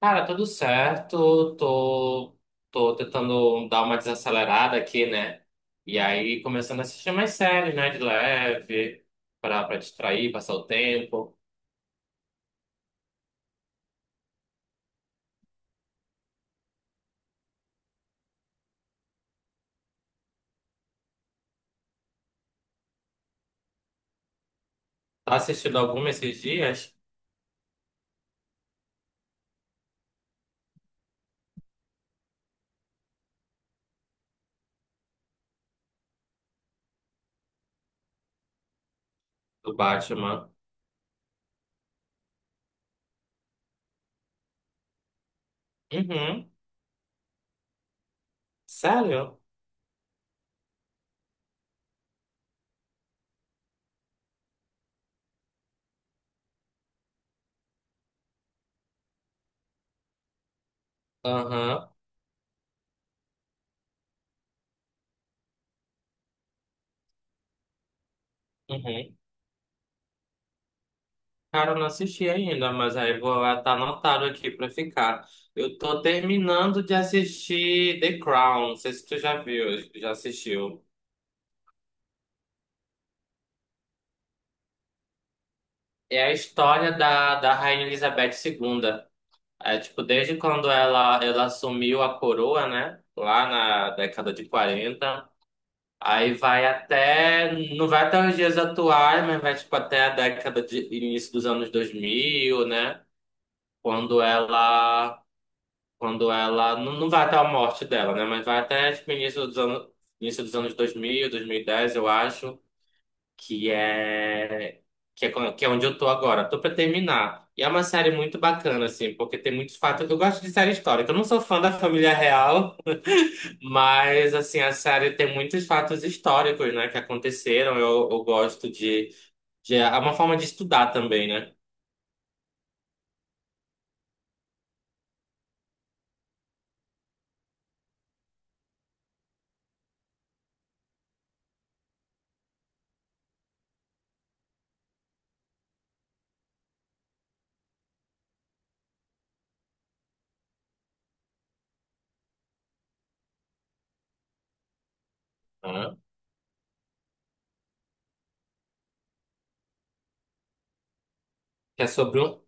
Cara, tudo certo. Tô, tô tentando dar uma desacelerada aqui, né? E aí começando a assistir mais séries, né? De leve, pra distrair, passar o tempo. Tá assistindo alguma esses dias do Batman? Uhum. Sério? Aham. Uhum. Cara, eu não assisti ainda, mas aí vou tá anotado aqui pra ficar. Eu tô terminando de assistir The Crown. Não sei se tu já viu, já assistiu. É a história da Rainha Elizabeth II. É, tipo, desde quando ela assumiu a coroa, né? Lá na década de 40. Aí vai até, não vai até os dias atuais, mas vai, tipo, até a década de, início dos anos 2000, né? Quando ela, quando ela, não, não vai até a morte dela, né? Mas vai até, tipo, início dos anos, início dos anos dois mil e dez, eu acho que é que é onde eu tô agora. Tô pra terminar. E é uma série muito bacana, assim, porque tem muitos fatos. Eu gosto de série histórica. Eu não sou fã da família real, mas, assim, a série tem muitos fatos históricos, né, que aconteceram. Eu gosto de, de. É uma forma de estudar também, né? Aham. Que é sobre um.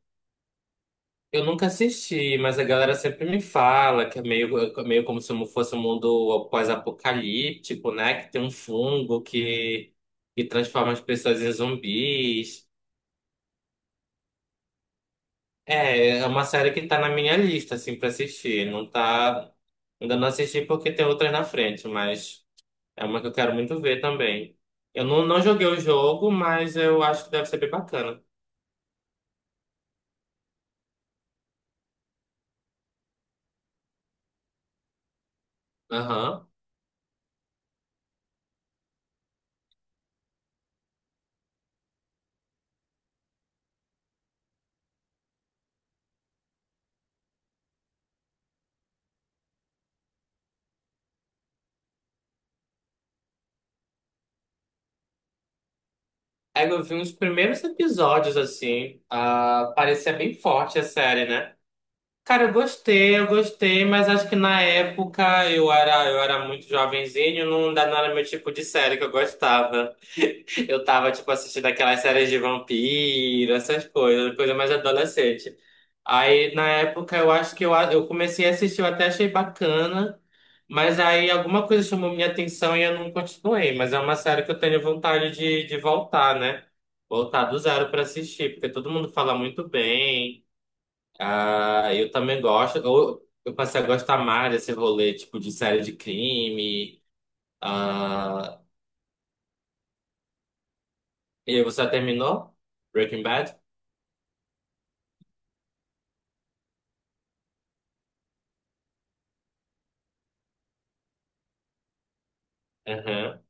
Eu nunca assisti, mas a galera sempre me fala que é meio como se fosse um mundo pós-apocalíptico, né? Que tem um fungo que transforma as pessoas em zumbis. É, é uma série que tá na minha lista, assim, pra assistir. Não tá. Ainda não assisti porque tem outras na frente, mas é uma que eu quero muito ver também. Eu não joguei o jogo, mas eu acho que deve ser bem bacana. Aham. É, eu vi uns primeiros episódios, assim. Ah, parecia bem forte a série, né? Cara, eu gostei, mas acho que na época eu era muito jovenzinho, não, não era meu tipo de série que eu gostava. Eu tava, tipo, assistindo aquelas séries de vampiro, essas coisas, coisa mais adolescente. Aí, na época, eu acho que eu comecei a assistir, eu até achei bacana, mas aí alguma coisa chamou minha atenção e eu não continuei. Mas é uma série que eu tenho vontade de voltar, né? Voltar do zero pra assistir, porque todo mundo fala muito bem. Ah, eu também gosto. Eu passei a gostar mais desse rolê, tipo, de série de crime. Ah, e você já terminou? Breaking Bad? Aham,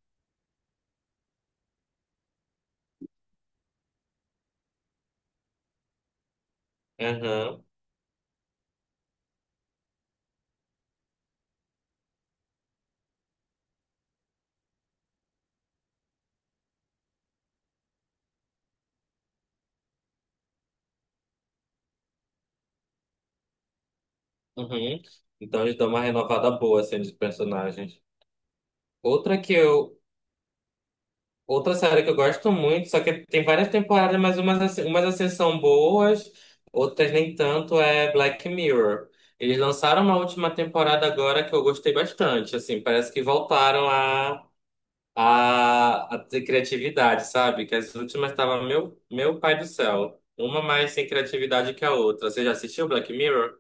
aham, uhum. Então eles dão uma renovada boa, assim, dos personagens. Outra que eu, outra série que eu gosto muito, só que tem várias temporadas, mas umas assim são boas, outras nem tanto, é Black Mirror. Eles lançaram uma última temporada agora que eu gostei bastante, assim, parece que voltaram a ter criatividade, sabe? Que as últimas tava meu, meu pai do céu. Uma mais sem criatividade que a outra. Você já assistiu Black Mirror?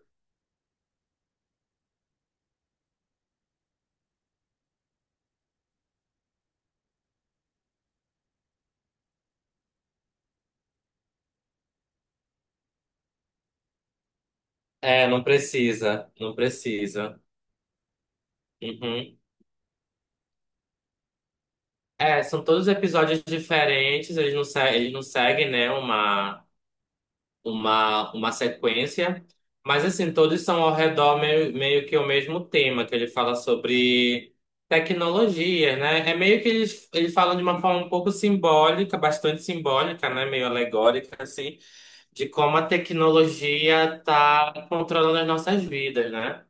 É, não precisa, não precisa. Uhum. É, são todos episódios diferentes, eles não seguem, né, uma sequência, mas assim, todos são ao redor meio, meio que o mesmo tema, que ele fala sobre tecnologia, né? É meio que ele fala de uma forma um pouco simbólica, bastante simbólica, né? Meio alegórica, assim, de como a tecnologia está controlando as nossas vidas, né?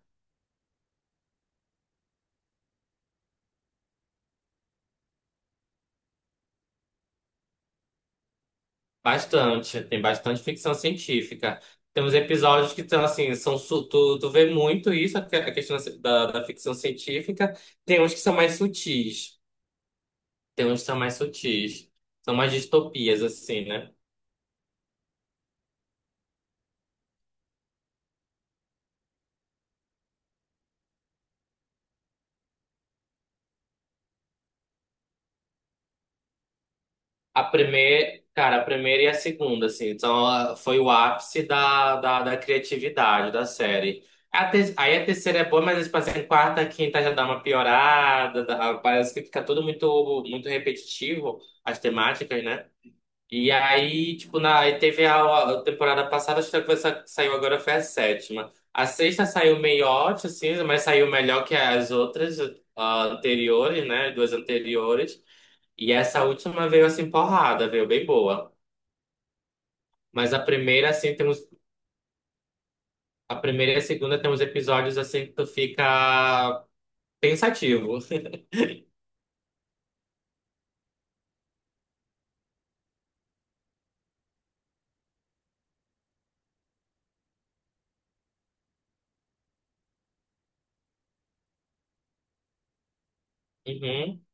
Bastante, tem bastante ficção científica. Temos episódios que estão assim, são, tu vê muito isso, a questão da ficção científica. Tem uns que são mais sutis. Tem uns que são mais sutis. São mais distopias, assim, né? A primeira, cara, a primeira e a segunda, assim. Então, ah, foi o ápice da criatividade da série. Aí a terceira é boa, mas, tipo assim, quarta, quinta já dá uma piorada. Parece que fica tudo muito, muito repetitivo, as temáticas, né? E aí, tipo, aí teve a temporada passada, acho que a que saiu agora foi a sétima. A sexta saiu meio ótima, assim, mas saiu melhor que as outras, ah, anteriores, né? Duas anteriores. E essa última veio assim porrada, veio bem boa. Mas a primeira, assim, temos. A primeira e a segunda tem uns episódios assim que tu fica pensativo. Uhum.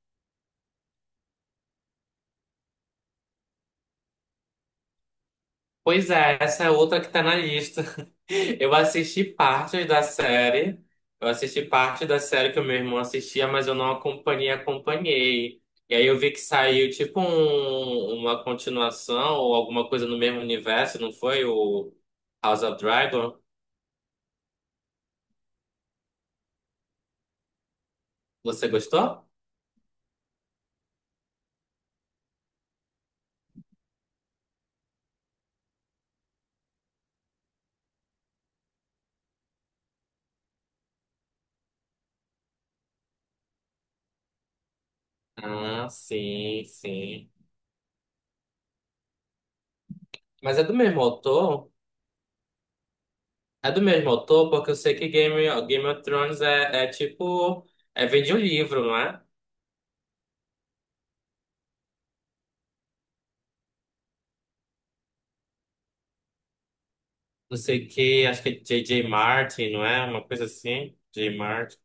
Pois é, essa é outra que tá na lista. Eu assisti partes da série. Eu assisti parte da série que o meu irmão assistia, mas eu não acompanhei. E aí eu vi que saiu tipo uma continuação ou alguma coisa no mesmo universo, não foi? O House of Dragon. Você gostou? Ah, sim, sim. Mas é do mesmo autor? É do mesmo autor, porque eu sei que Game of Thrones é, é tipo. É, vem de um livro, não é? Não sei o quê, acho que é J J Martin, não é? Uma coisa assim, J J Martin.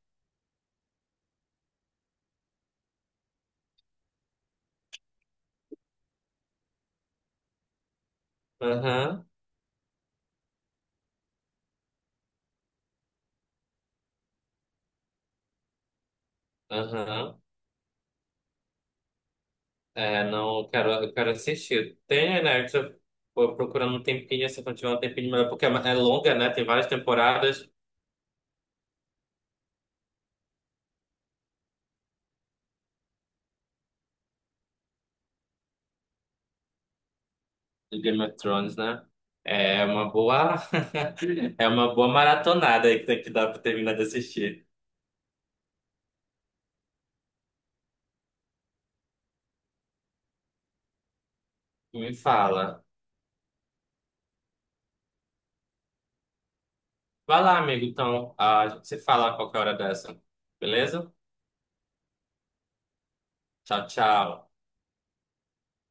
Aham, aham. É, não, eu quero assistir. Tem, né? Eu tô procurando um tempinho, se eu não tiver um tempinho melhor, porque é é longa, né? Tem várias temporadas de Game of Thrones, né? É uma boa, é uma boa maratonada aí que tem que dar pra terminar de assistir. Me fala. Vai lá, amigo, então, ah, a gente se fala a qualquer hora dessa. Beleza? Tchau, tchau.